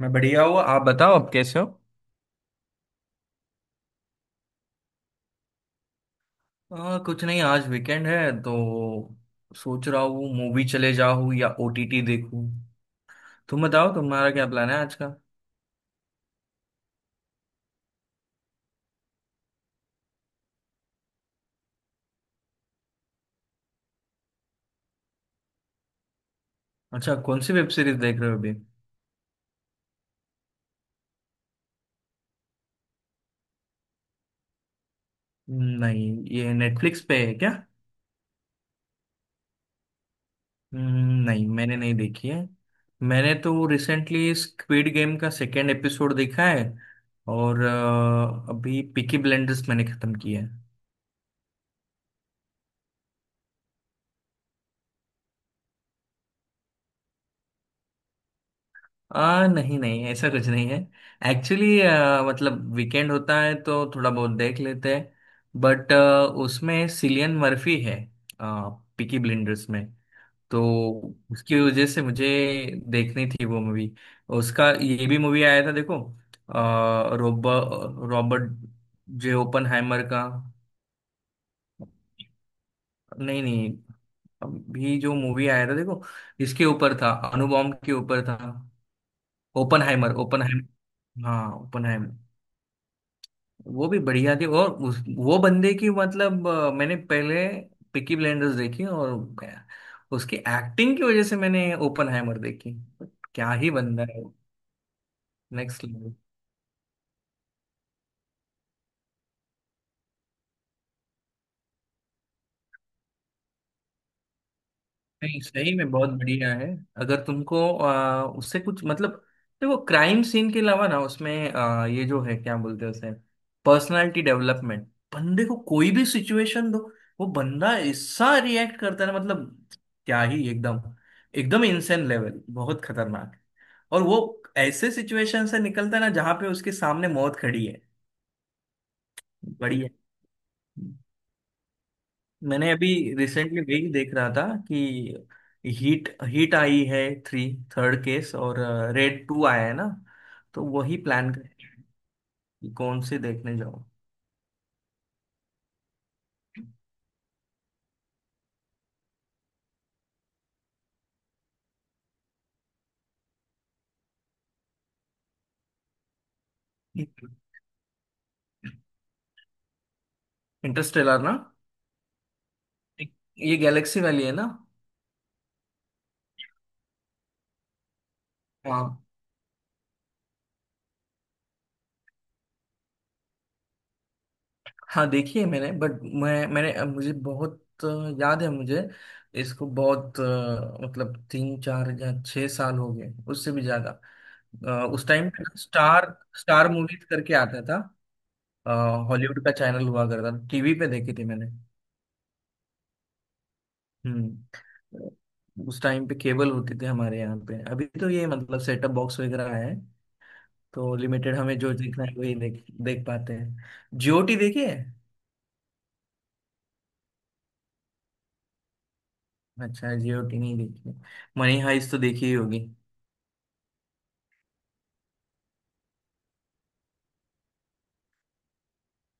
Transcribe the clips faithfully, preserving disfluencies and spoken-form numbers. मैं बढ़िया हूँ। आप बताओ, आप कैसे हो? आ, कुछ नहीं, आज वीकेंड है तो सोच रहा हूँ मूवी चले जाऊँ या ओ टी टी देखूँ। तुम बताओ, तुम्हारा क्या प्लान है आज का? अच्छा, कौन सी वेब सीरीज देख रहे हो अभी? हम्म, नहीं। ये नेटफ्लिक्स पे है क्या? हम्म, नहीं, मैंने नहीं देखी है। मैंने तो रिसेंटली स्क्विड गेम का सेकेंड एपिसोड देखा है। और आ, अभी पीकी ब्लेंडर्स मैंने खत्म किया है। आ, नहीं नहीं, ऐसा कुछ नहीं है। एक्चुअली, मतलब वीकेंड होता है तो थोड़ा बहुत देख लेते हैं, बट उसमें सिलियन मर्फी है। आ, पिकी ब्लिंडर्स में। तो उसकी वजह से मुझे देखनी थी वो मूवी। उसका ये भी मूवी आया था देखो। आ, रोब रॉबर्ट जे ओपनहाइमर का। नहीं नहीं, अभी जो मूवी आया था देखो, इसके ऊपर था, अणुबॉम्ब के ऊपर था। Oppenheimer, Oppenheimer. हाँ, ओपनहाइमर। वो भी बढ़िया थी। और उस वो बंदे की मतलब, अ, मैंने पहले पिकी ब्लेंडर्स देखी और गया, उसकी एक्टिंग की वजह से मैंने ओपनहाइमर देखी। क्या ही बंदा है। Next level. नहीं, सही में बहुत बढ़िया है। अगर तुमको आ, उससे कुछ मतलब, देखो क्राइम सीन के अलावा ना उसमें आ, ये जो है क्या बोलते हैं उसे, पर्सनालिटी डेवलपमेंट। बंदे को कोई भी सिचुएशन दो, वो बंदा ऐसा रिएक्ट करता है ना, मतलब क्या ही एकदम, एकदम इंसेंट लेवल, बहुत खतरनाक। और वो ऐसे सिचुएशन से निकलता है ना जहाँ पे उसके सामने मौत खड़ी है। बढ़िया। मैंने अभी रिसेंटली वही देख रहा था कि हीट, हीट आई है थ्री, थर्ड केस, और रेड टू आया है ना, तो वही प्लान कर कि कौन से देखने जाऊँ। इंटरस्टेलर ना? ये गैलेक्सी वाली है ना? हाँ। हाँ, देखी है मैंने, बट मैं मैंने मुझे बहुत अ, याद है मुझे, इसको बहुत, अ, मतलब तीन चार या छः साल हो गए, उससे भी ज्यादा। अ, उस टाइम पे स्टार स्टार मूवीज करके आता था, हॉलीवुड का चैनल हुआ करता था, टीवी पे देखी थी मैंने। हम्म। उस टाइम पे केबल होते थे हमारे यहाँ पे, अभी तो ये मतलब सेटअप बॉक्स वगैरह आया है। तो लिमिटेड, हमें जो देखना है वही देख देख पाते हैं। जी ओ टी देखी है? अच्छा, जी ओ टी नहीं देखी। मनी हाइस्ट तो देखी ही होगी।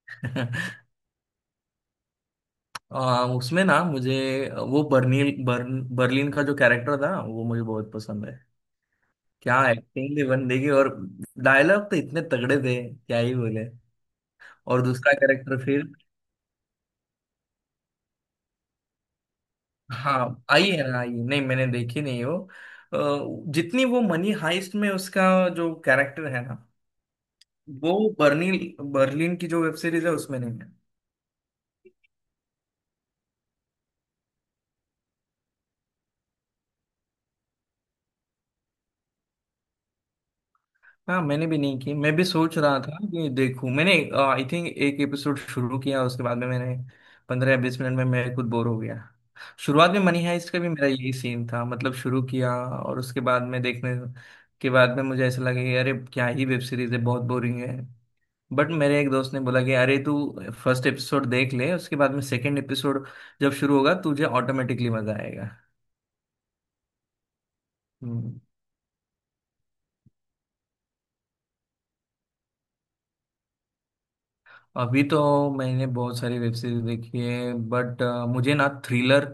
आ, उसमें ना मुझे वो बर्नील बर्न बर्लिन का जो कैरेक्टर था वो मुझे बहुत पसंद है। क्या एक्टिंग थी बंदे की, और डायलॉग तो इतने तगड़े थे, क्या ही बोले। और दूसरा कैरेक्टर फिर। हाँ, आई है ना, आई नहीं, मैंने देखी नहीं हो। अ, जितनी वो मनी हाइस्ट में उसका जो कैरेक्टर है ना, वो बर्लिन, बर्लिन की जो वेब सीरीज है उसमें नहीं है। हाँ, मैंने भी नहीं की, मैं भी सोच रहा था कि देखूं। मैंने आई थिंक एक एपिसोड शुरू किया, उसके बाद में मैंने पंद्रह या बीस मिनट में मैं खुद बोर हो गया। शुरुआत में मनी हाइस्ट का भी मेरा यही सीन था, मतलब शुरू किया और उसके बाद में देखने के बाद में मुझे ऐसा लगा कि अरे क्या ही वेब सीरीज है, बहुत बोरिंग है। बट मेरे एक दोस्त ने बोला कि अरे तू फर्स्ट एपिसोड देख ले, उसके बाद में सेकंड एपिसोड जब शुरू होगा तुझे ऑटोमेटिकली मजा आएगा। हम्म। अभी तो मैंने बहुत सारी वेब सीरीज देखी है, बट मुझे ना थ्रिलर,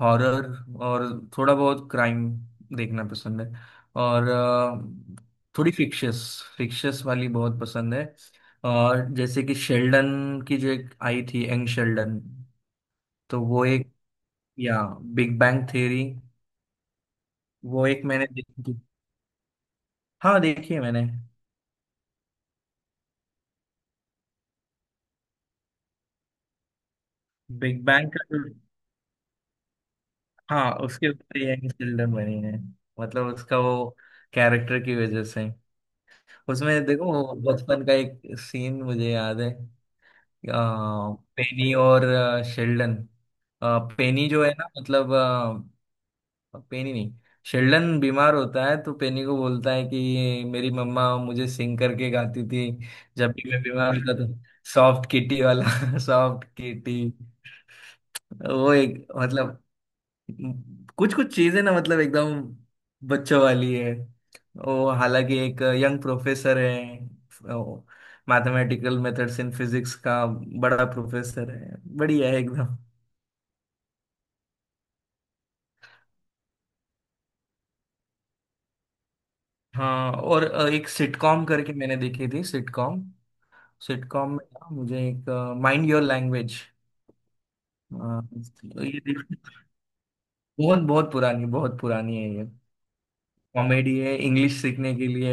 हॉरर, और थोड़ा बहुत क्राइम देखना पसंद है। और अ, थोड़ी फिक्शियस, फिक्शियस वाली बहुत पसंद है। और जैसे कि शेल्डन की जो एक आई थी, यंग शेल्डन, तो वो एक, या बिग बैंग थ्योरी। वो एक मैंने देखी। हाँ, देखी है मैंने। बिग बैंग का जो, हाँ, उसके ऊपर ये यंग चिल्ड्रन बनी है, मतलब उसका वो कैरेक्टर की वजह से। उसमें देखो वो बचपन का एक सीन मुझे याद है। आ, पेनी और आ, शेल्डन, आ, पेनी जो है ना, मतलब आ, पेनी नहीं, शेल्डन बीमार होता है तो पेनी को बोलता है कि मेरी मम्मा मुझे सिंग करके गाती थी जब भी मैं बीमार होता था, सॉफ्ट किटी वाला। Soft kitty. वो एक मतलब कुछ कुछ चीजें ना, मतलब एकदम बच्चों वाली है। वो हालांकि एक यंग प्रोफेसर है, मैथमेटिकल मेथड्स इन फिजिक्स का बड़ा प्रोफेसर है, बढ़िया है एकदम। हाँ, और अ, एक सिटकॉम करके मैंने देखी थी सिटकॉम। सिटकॉम में ना मुझे एक, माइंड योर लैंग्वेज, ये देखी- बहुत बहुत पुरानी, बहुत पुरानी है ये। कॉमेडी है इंग्लिश सीखने के लिए,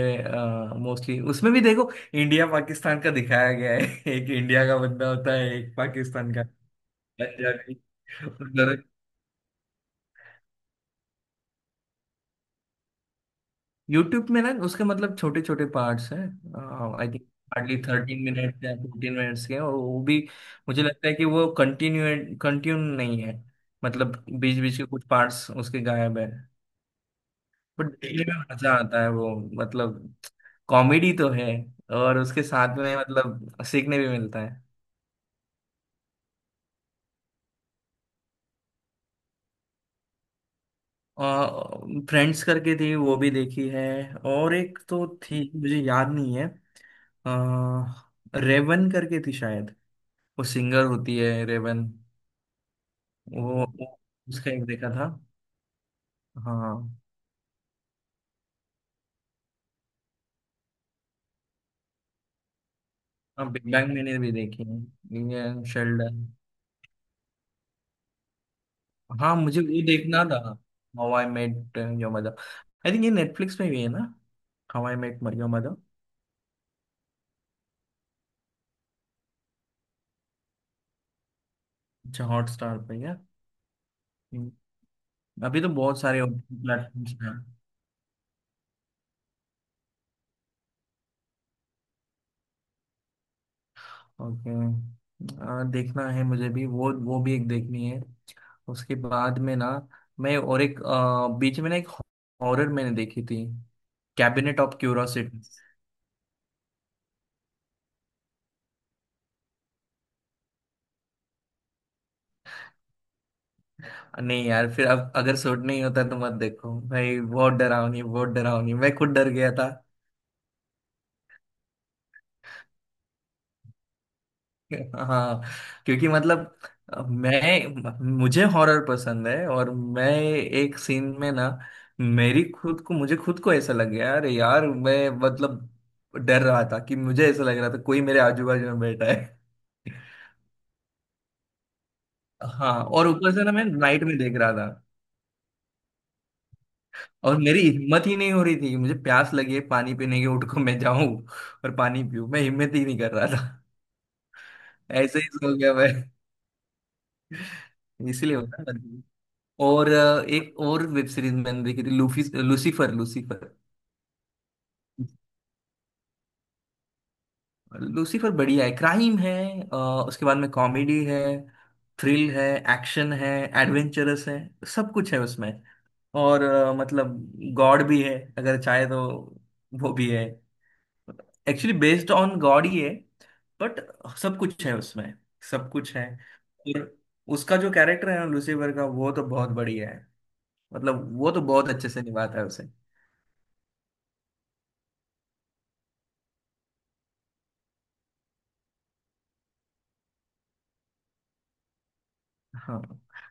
मोस्टली उसमें भी देखो इंडिया पाकिस्तान का दिखाया गया है। एक इंडिया का बंदा होता है, एक पाकिस्तान का। पंजाबी। यूट्यूब में ना उसके मतलब छोटे छोटे पार्ट्स हैं। I think hardly thirteen minute या फोर्टीन मिनट्स के हैं, और वो भी मुझे लगता है कि वो कंटिन्यू कंटिन्यू नहीं है, मतलब बीच बीच के कुछ पार्ट्स उसके गायब है। बट देखने में मजा आता है वो, मतलब कॉमेडी तो है, और उसके साथ में मतलब सीखने भी मिलता है। और फ्रेंड्स करके थी, वो भी देखी है। और एक तो थी मुझे याद नहीं है, अ, रेवन करके थी शायद, वो सिंगर होती है रेवन। वो वो- उसका एक देखा था। हाँ। हाँ, बिग बैंग मैंने भी देखी है इंडियन शेल्डन। हाँ, मुझे वो देखना था, how I met your mother. I think ये नेटफ्लिक्स पे भी है ना, हाउ आई मेट मरियो मदर? अच्छा, हॉटस्टार पे है। हम्म। अभी तो बहुत सारे प्लेटफॉर्म्स हैं। ओके, देखना है मुझे भी वो वो भी एक देखनी है। उसके बाद में ना मैं और एक, अ, बीच में ना एक हॉरर मैंने देखी थी, कैबिनेट ऑफ क्यूरोसिटी। नहीं यार, फिर अब अगर सूट नहीं होता तो मत देखो भाई, बहुत डरावनी, बहुत डरावनी, मैं खुद डर गया था। हाँ, क्योंकि मतलब मैं मुझे हॉरर पसंद है, और मैं एक सीन में ना मेरी खुद को मुझे खुद को ऐसा लग गया, अरे यार मैं मतलब डर रहा था, कि मुझे ऐसा लग रहा था कोई मेरे आजू बाजू में बैठा है। हाँ, और ऊपर से ना मैं नाइट में देख रहा था, और मेरी हिम्मत ही नहीं हो रही थी कि मुझे प्यास लगी है पानी पीने की, उठ को मैं जाऊं और पानी पीऊं, मैं हिम्मत ही नहीं कर रहा था। ऐसे ही सो गया मैं। इसलिए होता है। और अ, एक और वेब सीरीज मैंने देखी थी, लूफी लूसीफर लूसीफर। लूसीफर बढ़िया है, क्राइम है, अ, उसके बाद में कॉमेडी है, थ्रिल है, एक्शन है, एडवेंचरस है, सब कुछ है उसमें। और अ, मतलब गॉड भी है अगर चाहे तो, वो भी है, एक्चुअली बेस्ड ऑन गॉड ही है, बट सब कुछ है उसमें, सब कुछ है। और उसका जो कैरेक्टर है ना लूसीफर का, वो तो बहुत बढ़िया है, मतलब वो तो बहुत अच्छे से निभाता है। हाँ,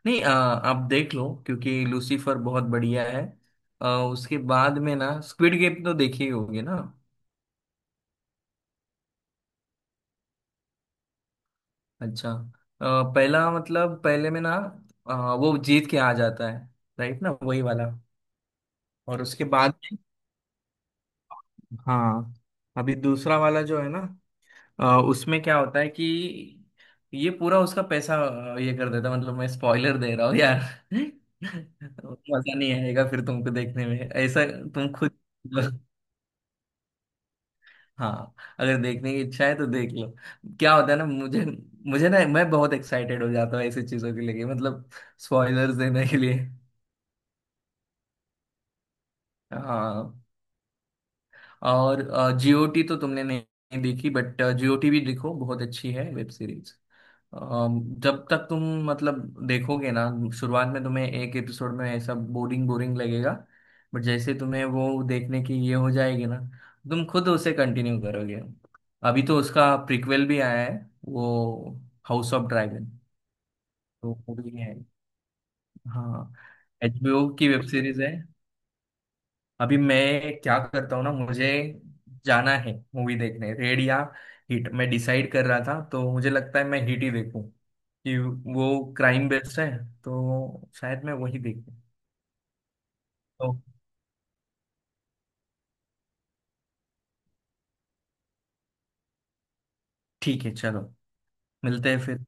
नहीं अ, आप देख लो क्योंकि लूसीफर बहुत बढ़िया है। अ, उसके बाद में ना स्क्विड गेम तो देखे ही होंगे ना? अच्छा। अ, पहला, मतलब पहले में ना, अ, वो जीत के आ जाता है, राइट ना, वही वाला। और उसके बाद, हाँ, अभी दूसरा वाला जो है ना, अ, उसमें क्या होता है कि ये पूरा उसका पैसा अ, ये कर देता है, मतलब मैं स्पॉइलर दे रहा हूँ यार। मजा नहीं आएगा फिर तुमको देखने में ऐसा। तुम खुद हाँ, अगर देखने की इच्छा है तो देख लो। क्या होता है ना मुझे, मुझे ना मैं बहुत एक्साइटेड हो जाता हूँ ऐसी चीजों के लिए, मतलब स्पॉयलर्स देने के लिए। हाँ, और जी ओ टी तो तुमने नहीं देखी, बट जी ओ टी भी देखो, बहुत अच्छी है वेब सीरीज। जब तक तुम, मतलब देखोगे ना, शुरुआत में तुम्हें एक एपिसोड में ऐसा बोरिंग बोरिंग लगेगा, बट जैसे तुम्हें वो देखने की ये हो जाएगी ना, तुम खुद उसे कंटिन्यू करोगे। अभी तो उसका प्रीक्वल भी आया है, वो हाउस ऑफ ड्रैगन, तो वो भी है। हाँ, एच बी ओ की वेब सीरीज है। अभी मैं क्या करता हूँ ना, मुझे जाना है मूवी देखने, रेड या हिट मैं डिसाइड कर रहा था, तो मुझे लगता है मैं हिट ही देखूं, कि वो क्राइम बेस्ड है, तो शायद मैं वही देखूं। तो ठीक है, चलो, मिलते हैं फिर।